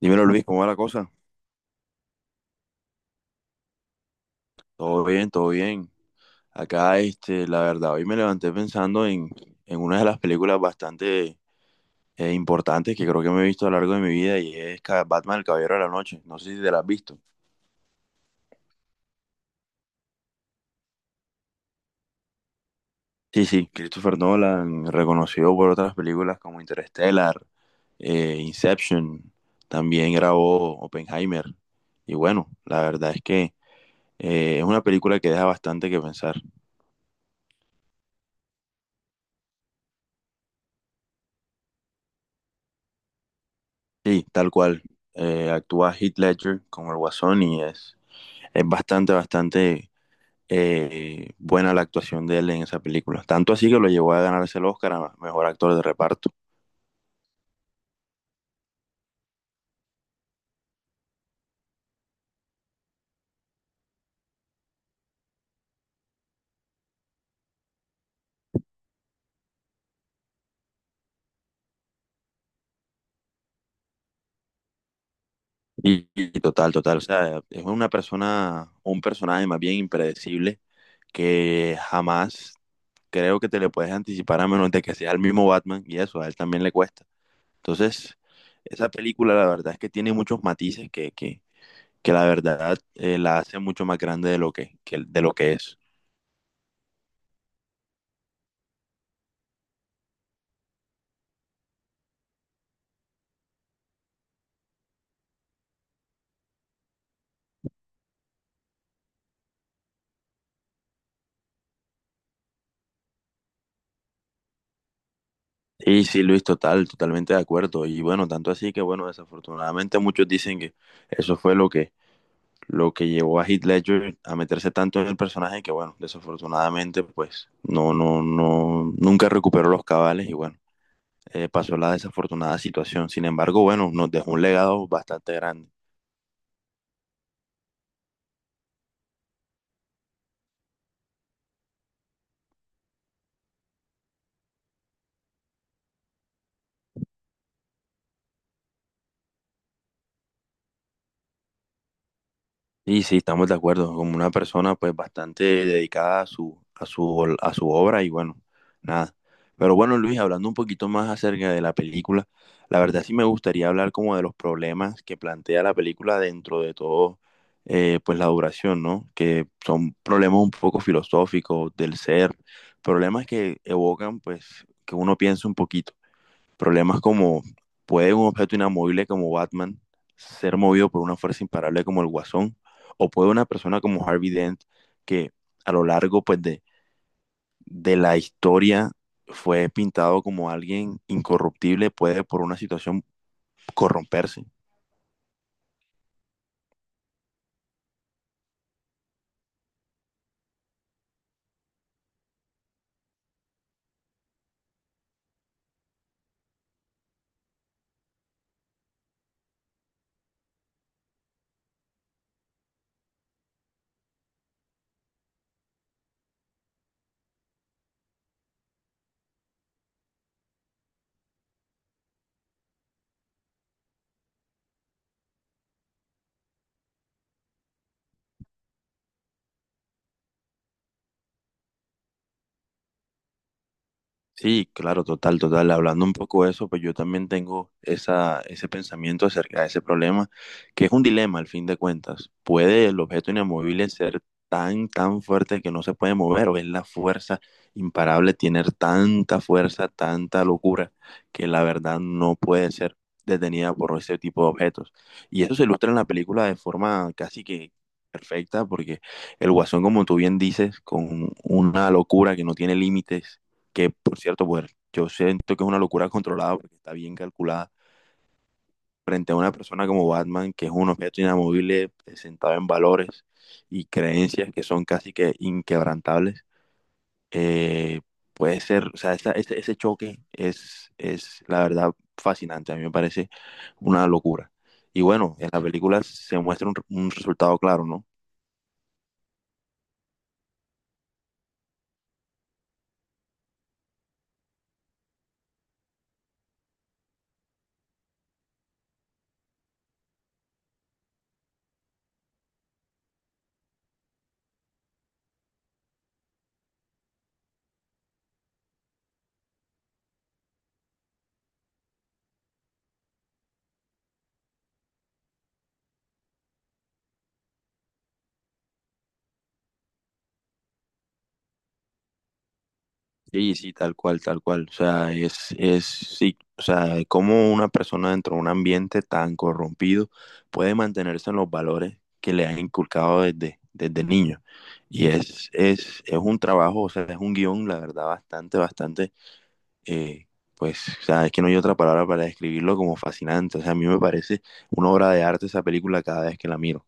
Dímelo Luis, ¿cómo va la cosa? Todo bien, todo bien. Acá, la verdad, hoy me levanté pensando en una de las películas bastante importantes que creo que me he visto a lo largo de mi vida y es Batman, el Caballero de la Noche. No sé si te la has visto. Sí, sí, Christopher Nolan, reconocido por otras películas como Interstellar, Inception, también grabó Oppenheimer. Y bueno, la verdad es que es una película que deja bastante que pensar. Sí, tal cual. Actúa Heath Ledger como el Guasón y es bastante buena la actuación de él en esa película. Tanto así que lo llevó a ganarse el Oscar a mejor actor de reparto. Y total, total. O sea, es una persona, un personaje más bien impredecible que jamás creo que te le puedes anticipar a menos de que sea el mismo Batman y eso, a él también le cuesta. Entonces, esa película la verdad es que tiene muchos matices que la verdad la hace mucho más grande de lo de lo que es. Sí, sí, Luis, total, totalmente de acuerdo. Y bueno, tanto así que bueno, desafortunadamente muchos dicen que eso fue lo que llevó a Heath Ledger a meterse tanto en el personaje que bueno, desafortunadamente pues no, no, no, nunca recuperó los cabales y bueno, pasó la desafortunada situación. Sin embargo, bueno, nos dejó un legado bastante grande. Sí, sí, estamos de acuerdo, como una persona pues bastante dedicada a a su obra y bueno, nada. Pero bueno, Luis, hablando un poquito más acerca de la película, la verdad sí me gustaría hablar como de los problemas que plantea la película dentro de todo, pues la duración, ¿no? Que son problemas un poco filosóficos del ser, problemas que evocan pues que uno piense un poquito. Problemas como, ¿puede un objeto inamovible como Batman ser movido por una fuerza imparable como el Guasón? ¿O puede una persona como Harvey Dent, que a lo largo de la historia fue pintado como alguien incorruptible, puede por una situación corromperse? Sí, claro, total, total. Hablando un poco de eso, pues yo también tengo esa, ese pensamiento acerca de ese problema, que es un dilema al fin de cuentas. ¿Puede el objeto inamovible ser tan fuerte que no se puede mover o es la fuerza imparable tener tanta fuerza, tanta locura, que la verdad no puede ser detenida por ese tipo de objetos? Y eso se ilustra en la película de forma casi que perfecta, porque el Guasón, como tú bien dices, con una locura que no tiene límites que por cierto, pues yo siento que es una locura controlada porque está bien calculada frente a una persona como Batman, que es un objeto inamovible sentado en valores y creencias que son casi que inquebrantables. eh, Puede ser, o sea, ese choque es la verdad fascinante, a mí me parece una locura. Y bueno, en la película se muestra un resultado claro, ¿no? Sí, sí, tal cual, tal cual. O sea, sí, o sea, cómo una persona dentro de un ambiente tan corrompido puede mantenerse en los valores que le han inculcado desde niño. Y es un trabajo, o sea, es un guión, la verdad, eh, pues, o sea, es que no hay otra palabra para describirlo como fascinante. O sea, a mí me parece una obra de arte esa película cada vez que la miro.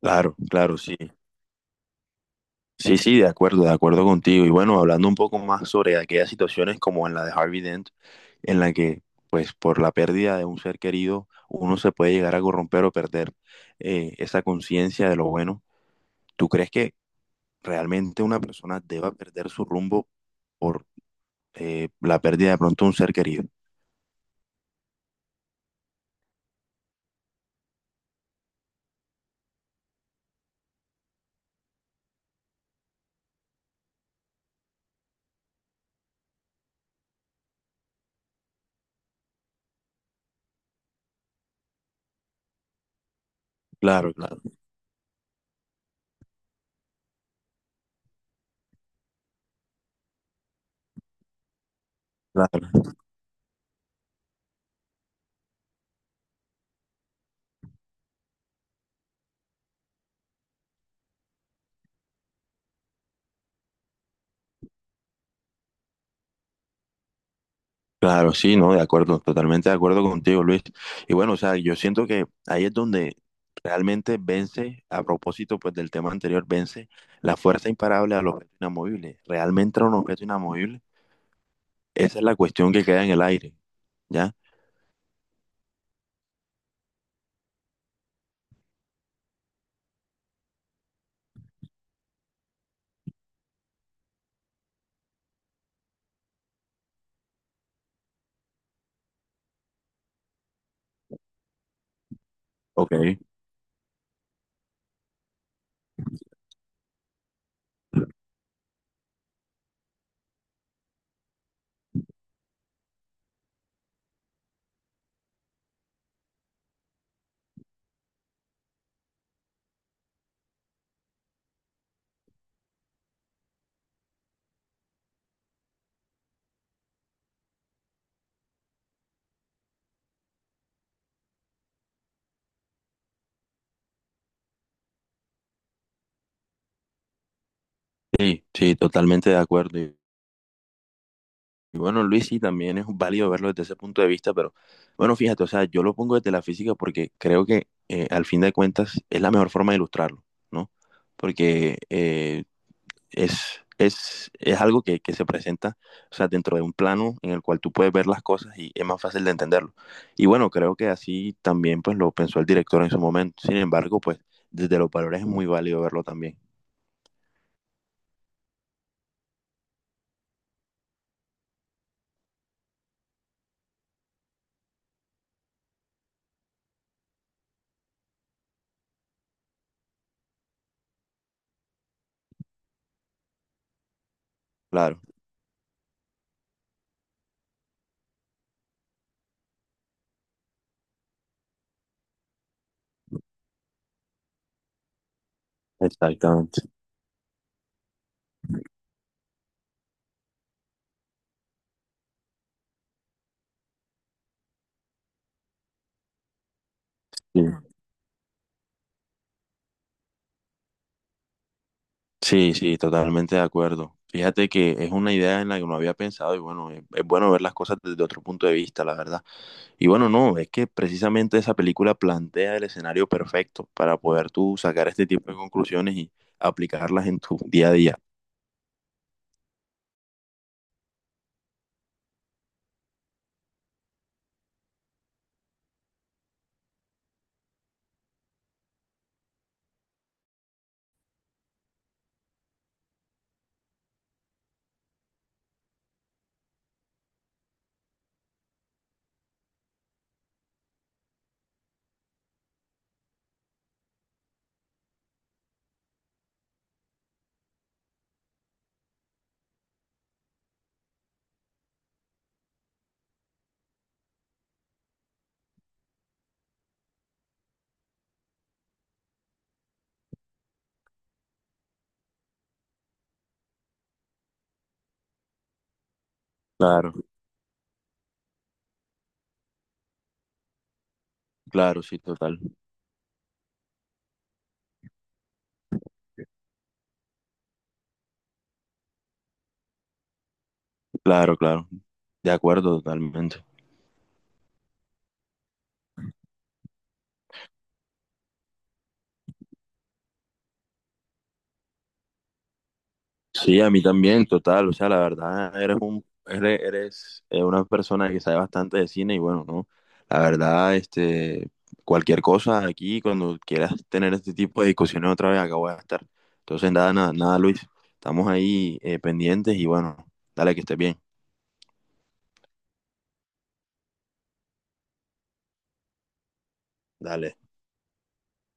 Claro, claro, sí. Sí, sí, de acuerdo contigo. Y bueno, hablando un poco más sobre aquellas situaciones como en la de Harvey Dent, en la que, pues, por la pérdida de un ser querido, uno se puede llegar a corromper o perder esa conciencia de lo bueno. ¿Tú crees que realmente una persona deba perder su rumbo por la pérdida de pronto de un ser querido? Claro, claro. Claro. Claro, sí, no, de acuerdo, totalmente de acuerdo contigo, Luis. Y bueno, o sea, yo siento que ahí es donde realmente vence, a propósito pues del tema anterior, vence la fuerza imparable al objeto inamovible. Realmente era un objeto inamovible, esa es la cuestión que queda en el aire, ¿ya? Ok. Sí, sí, totalmente de acuerdo. Y bueno, Luis, sí, también es válido verlo desde ese punto de vista, pero bueno, fíjate, o sea, yo lo pongo desde la física porque creo que al fin de cuentas es la mejor forma de ilustrarlo, ¿no? Porque, es algo que se presenta, o sea, dentro de un plano en el cual tú puedes ver las cosas y es más fácil de entenderlo. Y bueno, creo que así también pues lo pensó el director en su momento. Sin embargo, pues desde los valores es muy válido verlo también. Claro, exactamente. Sí, sí, sí, totalmente de acuerdo. Fíjate que es una idea en la que no había pensado y bueno, es bueno ver las cosas desde otro punto de vista, la verdad. Y bueno, no, es que precisamente esa película plantea el escenario perfecto para poder tú sacar este tipo de conclusiones y aplicarlas en tu día a día. Claro, claro, sí, total. Claro, claro. De acuerdo, totalmente. Sí, a mí también, total. O sea, la verdad, eres eres una persona que sabe bastante de cine y bueno, ¿no? La verdad, cualquier cosa aquí, cuando quieras tener este tipo de discusiones otra vez, acá voy a estar. Entonces, nada, nada, nada, Luis. Estamos ahí pendientes y bueno, dale que estés bien. Dale.